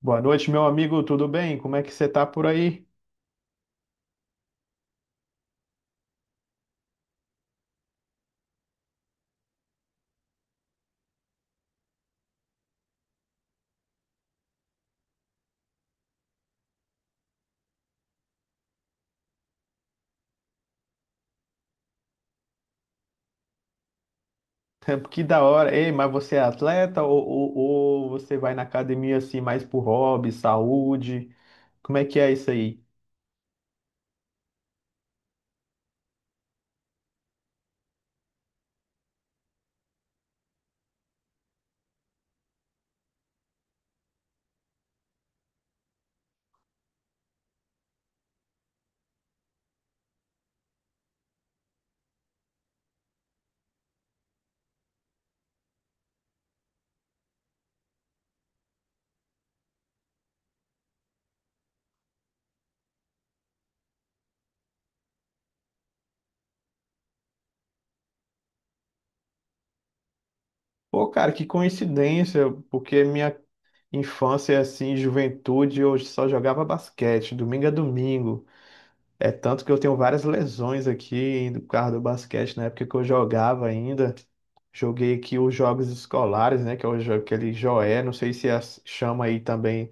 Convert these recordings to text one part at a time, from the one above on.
Boa noite, meu amigo, tudo bem? Como é que você tá por aí? Que da hora. Ei, mas você é atleta ou você vai na academia assim mais por hobby, saúde? Como é que é isso aí? Pô, cara, que coincidência, porque minha infância, assim, juventude, eu só jogava basquete, domingo a domingo. É tanto que eu tenho várias lesões aqui do carro do basquete, na época que eu jogava ainda. Joguei aqui os jogos escolares, né, que é o jo- aquele Joé, não sei se as- chama aí também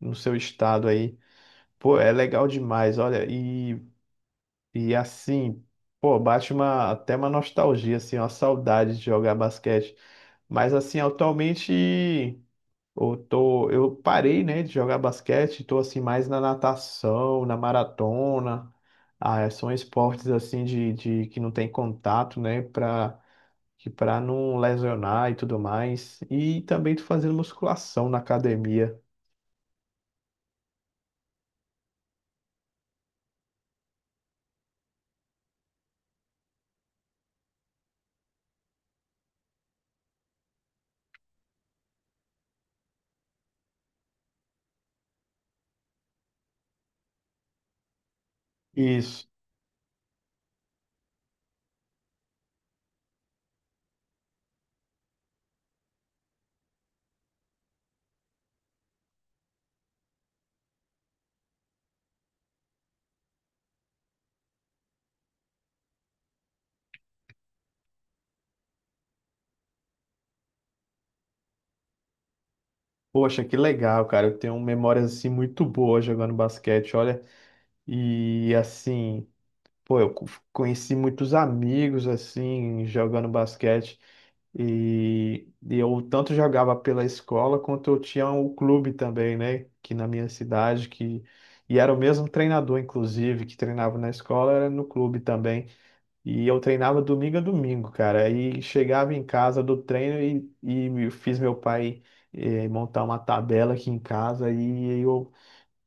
no seu estado aí. Pô, é legal demais, olha, e assim, pô, bate uma, até uma nostalgia, assim, uma saudade de jogar basquete. Mas assim, atualmente eu parei, né, de jogar basquete, tô assim mais na natação, na maratona. Ah, são esportes assim de que não tem contato, né, para que para não lesionar e tudo mais. E também tô fazendo musculação na academia. Isso. Poxa, que legal, cara. Eu tenho memórias assim muito boas jogando basquete, olha. E assim, pô, conheci muitos amigos assim jogando basquete e eu tanto jogava pela escola quanto eu tinha o clube também, né, que na minha cidade que e era o mesmo treinador inclusive que treinava na escola, era no clube também. E eu treinava domingo a domingo, cara. Aí chegava em casa do treino e fiz meu pai montar uma tabela aqui em casa. E eu,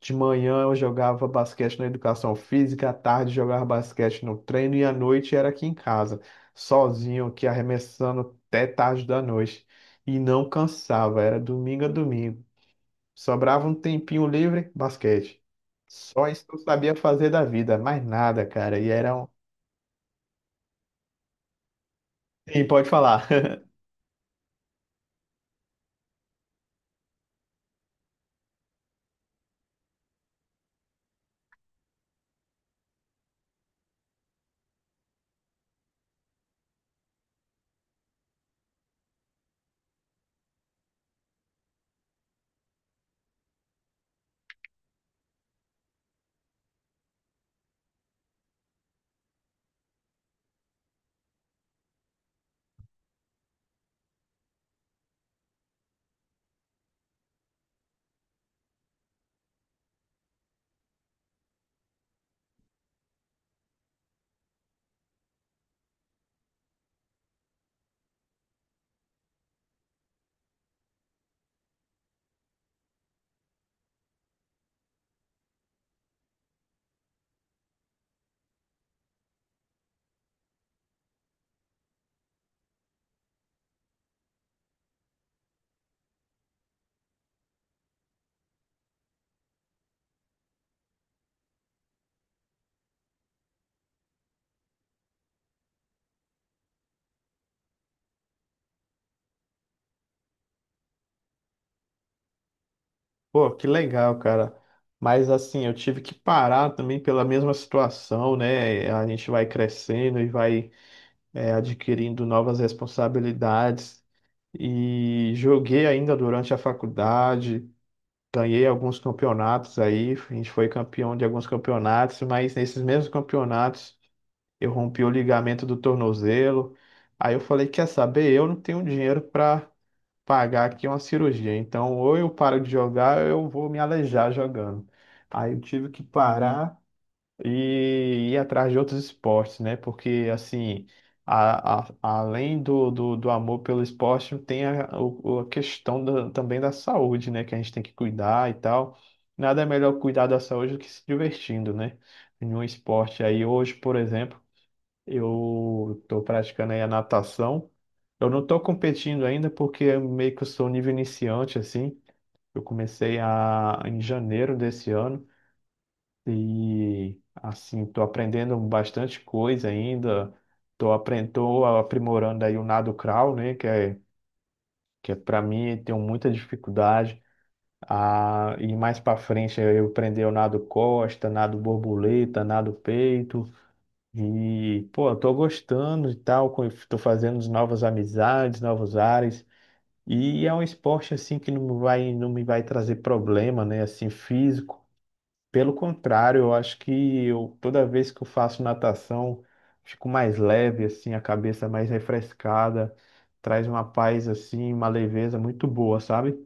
de manhã eu jogava basquete na educação física, à tarde jogava basquete no treino e à noite era aqui em casa, sozinho, aqui arremessando até tarde da noite. E não cansava, era domingo a domingo. Sobrava um tempinho livre, basquete. Só isso que eu sabia fazer da vida, mais nada, cara. E era um. Sim, pode falar. Pô, que legal, cara. Mas assim, eu tive que parar também pela mesma situação, né? A gente vai crescendo e vai adquirindo novas responsabilidades. E joguei ainda durante a faculdade, ganhei alguns campeonatos aí. A gente foi campeão de alguns campeonatos, mas nesses mesmos campeonatos eu rompi o ligamento do tornozelo. Aí eu falei, quer saber? Eu não tenho dinheiro para pagar aqui uma cirurgia. Então, ou eu paro de jogar, ou eu vou me aleijar jogando. Aí eu tive que parar e ir atrás de outros esportes, né? Porque, assim, além do amor pelo esporte, tem a questão também da saúde, né? Que a gente tem que cuidar e tal. Nada é melhor cuidar da saúde do que se divertindo, né? Em um esporte aí, hoje, por exemplo. Eu estou praticando aí a natação. Eu não estou competindo ainda porque eu meio que eu sou nível iniciante, assim. Em janeiro desse ano e, assim, estou aprendendo bastante coisa ainda. Estou aprendendo, tô aprimorando aí o nado crawl, né? Que é para mim, tenho muita dificuldade. Ah, e mais para frente eu aprendi o nado costa, nado borboleta, nado peito. E, pô, eu tô gostando e tal, tô fazendo novas amizades, novos ares. E é um esporte, assim, que não me vai trazer problema, né, assim, físico. Pelo contrário, eu acho que eu, toda vez que eu faço natação, fico mais leve, assim, a cabeça é mais refrescada, traz uma paz, assim, uma leveza muito boa, sabe?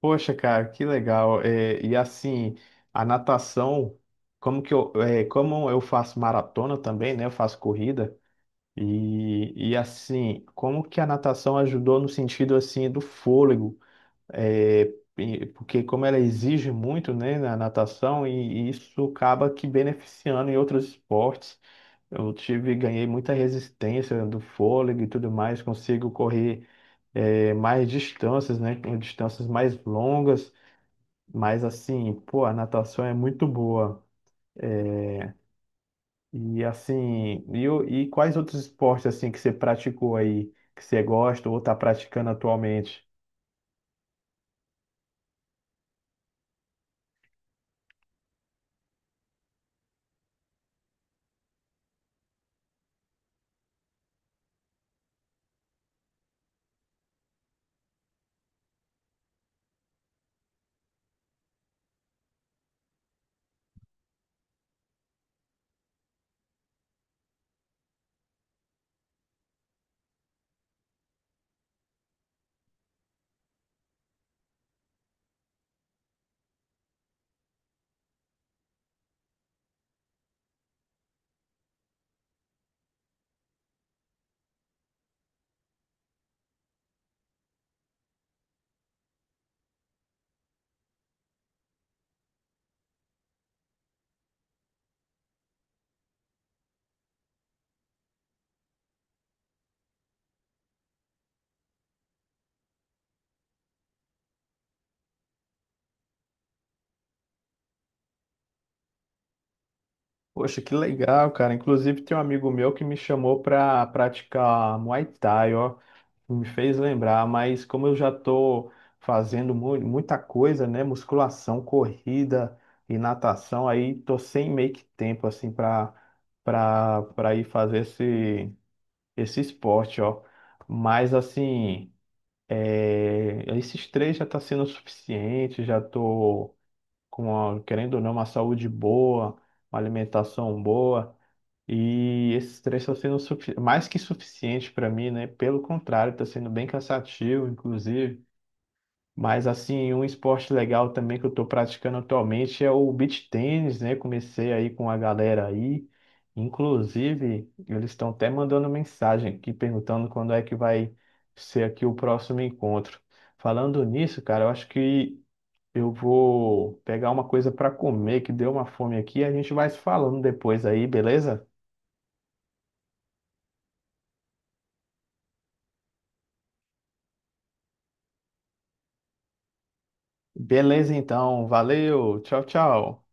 Poxa, cara, que legal. É, e, assim, a natação, é, como eu faço maratona também, né, eu faço corrida. E assim, como que a natação ajudou no sentido assim do fôlego? É, Porque como ela exige muito, né, na natação, e isso acaba que beneficiando em outros esportes. Eu tive, ganhei muita resistência do fôlego e tudo mais, consigo correr mais distâncias, né, com distâncias mais longas. Mas assim, pô, a natação é muito boa. E assim, e quais outros esportes assim que você praticou aí, que você gosta ou está praticando atualmente? Poxa, que legal, cara. Inclusive tem um amigo meu que me chamou para praticar Muay Thai, ó, que me fez lembrar, mas como eu já tô fazendo muita coisa, né, musculação, corrida e natação, aí tô sem meio que tempo assim para ir fazer esse esporte, ó. Mas assim, é, esses três já está sendo suficiente, já estou com, querendo ou não, uma saúde boa, uma alimentação boa, e esses três estão sendo mais que suficiente para mim, né? Pelo contrário, está sendo bem cansativo, inclusive. Mas assim, um esporte legal também que eu estou praticando atualmente é o beach tennis, né? Comecei aí com a galera aí. Inclusive, eles estão até mandando mensagem aqui perguntando quando é que vai ser aqui o próximo encontro. Falando nisso, cara, eu acho que eu vou pegar uma coisa para comer, que deu uma fome aqui, e a gente vai se falando depois aí, beleza? Beleza, então. Valeu. Tchau, tchau.